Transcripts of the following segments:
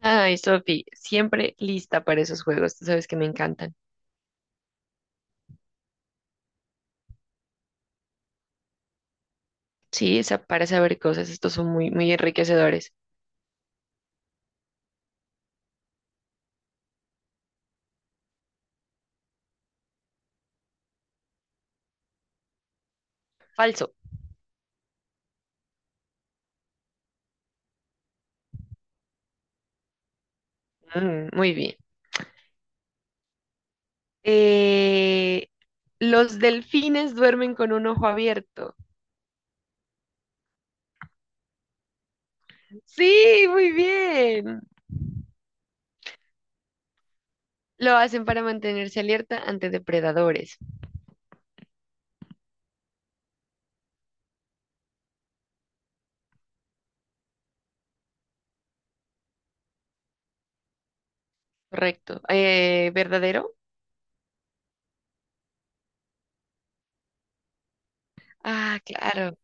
Ay, Sofi, siempre lista para esos juegos, tú sabes que me encantan. Para saber cosas, estos son muy, muy enriquecedores. Falso. Muy bien. Eh, los delfines duermen con un ojo abierto. Sí, muy bien. Lo hacen para mantenerse alerta ante depredadores. Correcto. ¿Verdadero? Ah, claro.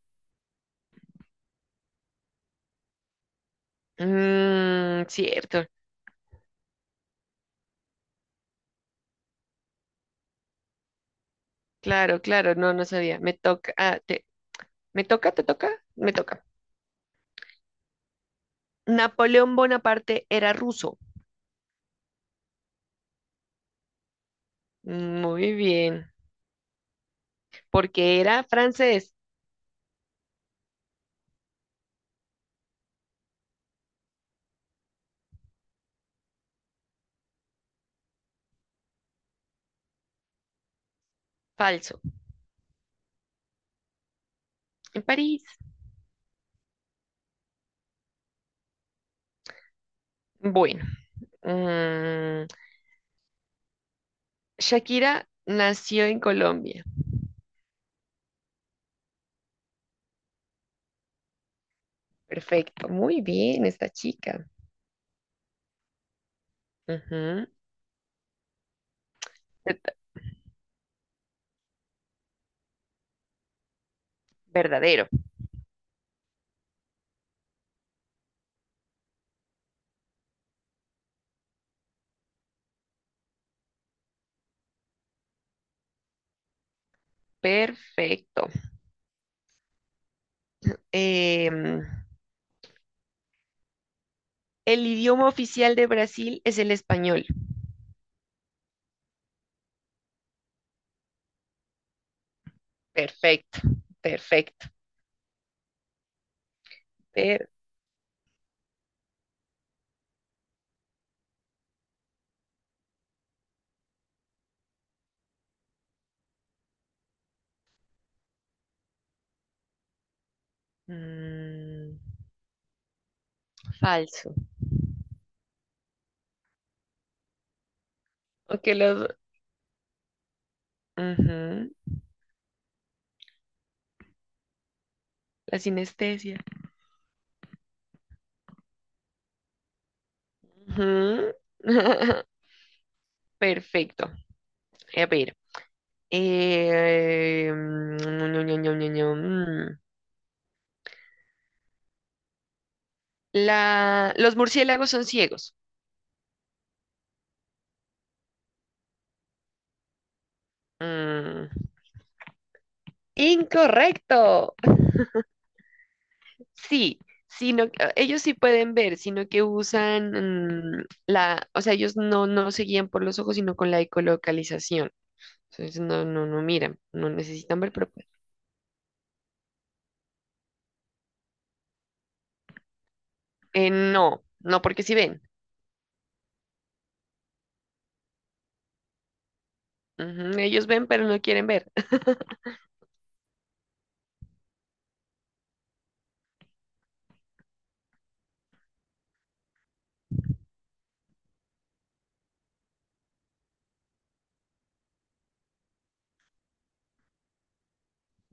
Mm, cierto. Claro, claro. No, no sabía. Me toca. ¿Me toca? ¿Te toca? Me toca. Napoleón Bonaparte era ruso. Muy bien. Porque era francés. Falso. En París. Bueno. mm, Shakira nació en Colombia. Perfecto. Muy bien, esta chica. Ujú. Eta- Verdadero. Perfecto. Em, el idioma oficial de Brasil es el español. Perfecto. Perfecto. Per- mm, falso. Aunque los... ujú. La sinestesia. Ujú. Perfecto. A ver. Mm, ño, ño, ño, ño, ño, mm. La... los murciélagos son ciegos. Mm, Incorrecto. Sí, sino ellos sí pueden ver, sino que usan o sea, ellos no, no se guían por los ojos, sino con la ecolocalización. Entonces no miran, no necesitan ver, pero no porque sí ven. Ujú. Ellos ven, pero no quieren ver.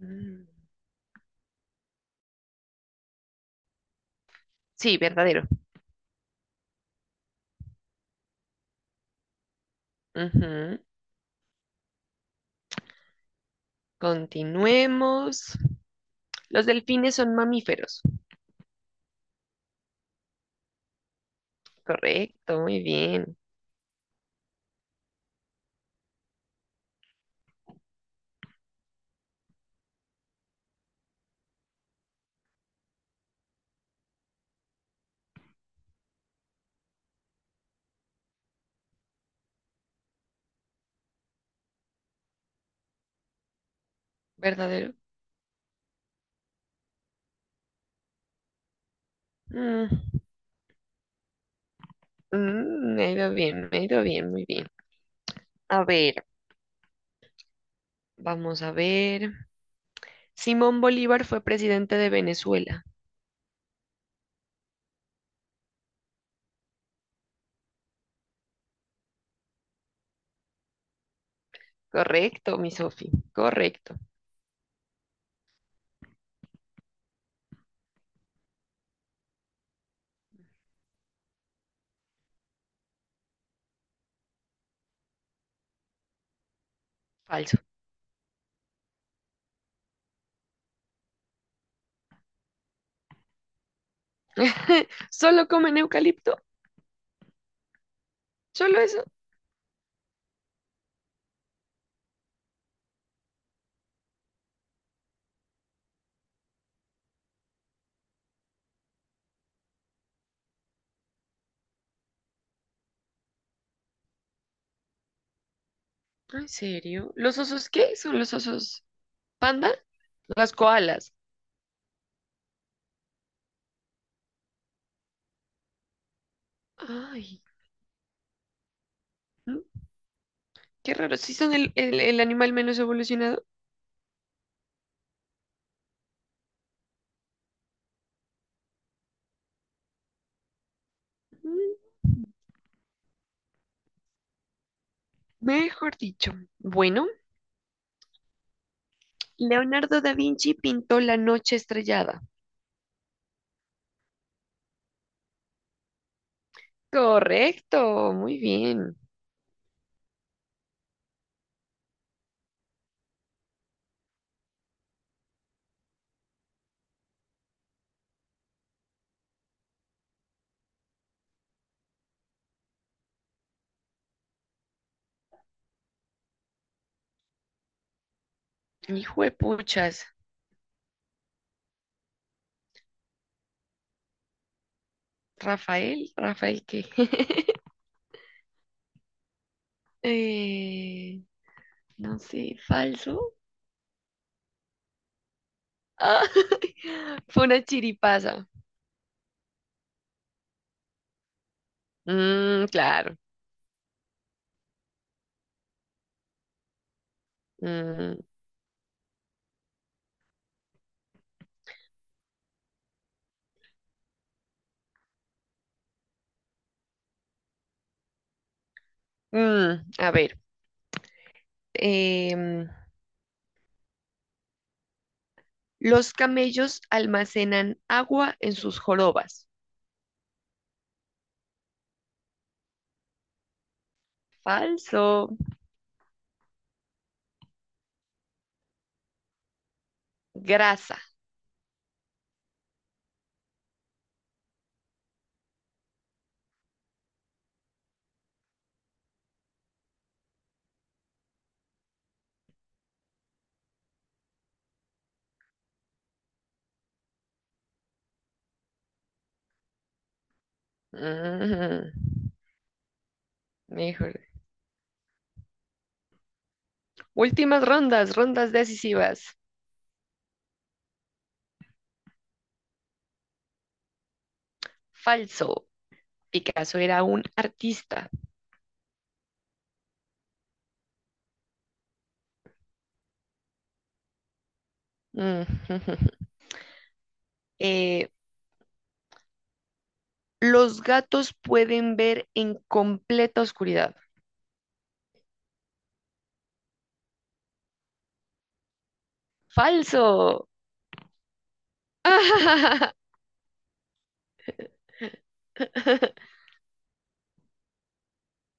Mm, sí, verdadero. Ujú. Continuemos. Los delfines son mamíferos. Correcto, muy bien. ¿Verdadero? Mm, me ha ido bien, me ha ido bien, muy bien. A ver, vamos a ver. Simón Bolívar fue presidente de Venezuela. Correcto, mi Sofi. Correcto. Falso. ¿Solo comen eucalipto? ¿Solo eso? Ah, ¿en serio? ¿Los osos qué? ¿Son los osos panda? Las koalas. Ay. ¿No? Qué raro, si son el animal menos evolucionado. Mm, Mejor dicho. Bueno, Leonardo da Vinci pintó La noche estrellada. Correcto, muy bien. Hijo de puchas. Rafael, Rafael, ¿qué? Eh, no sé, falso. Ah, fue una chiripaza. Mm, claro. Mm, a ver, em, los camellos almacenan agua en sus jorobas. Falso. Grasa. Ujú. Híjole. Últimas rondas, rondas decisivas. Falso. Picasso era un artista. Ujú. Eh, los gatos pueden ver en completa oscuridad. Falso.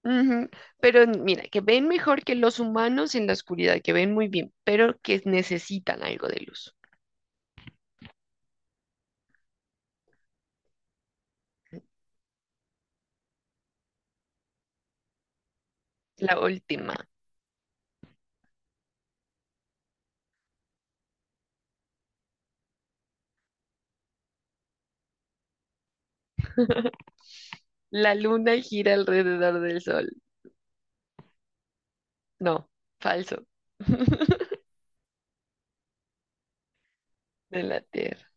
Ujú. Pero mira, que ven mejor que los humanos en la oscuridad, que ven muy bien, pero que necesitan algo de luz. La última. La luna gira alrededor del sol. No, falso. De la Tierra.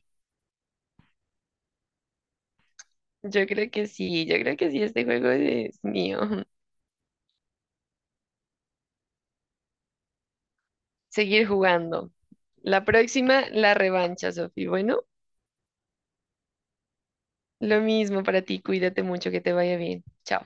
Yo creo que sí, yo creo que sí, este juego es mío. Seguir jugando. La próxima, la revancha, Sofi. Bueno, lo mismo para ti, cuídate mucho, que te vaya bien. Chao.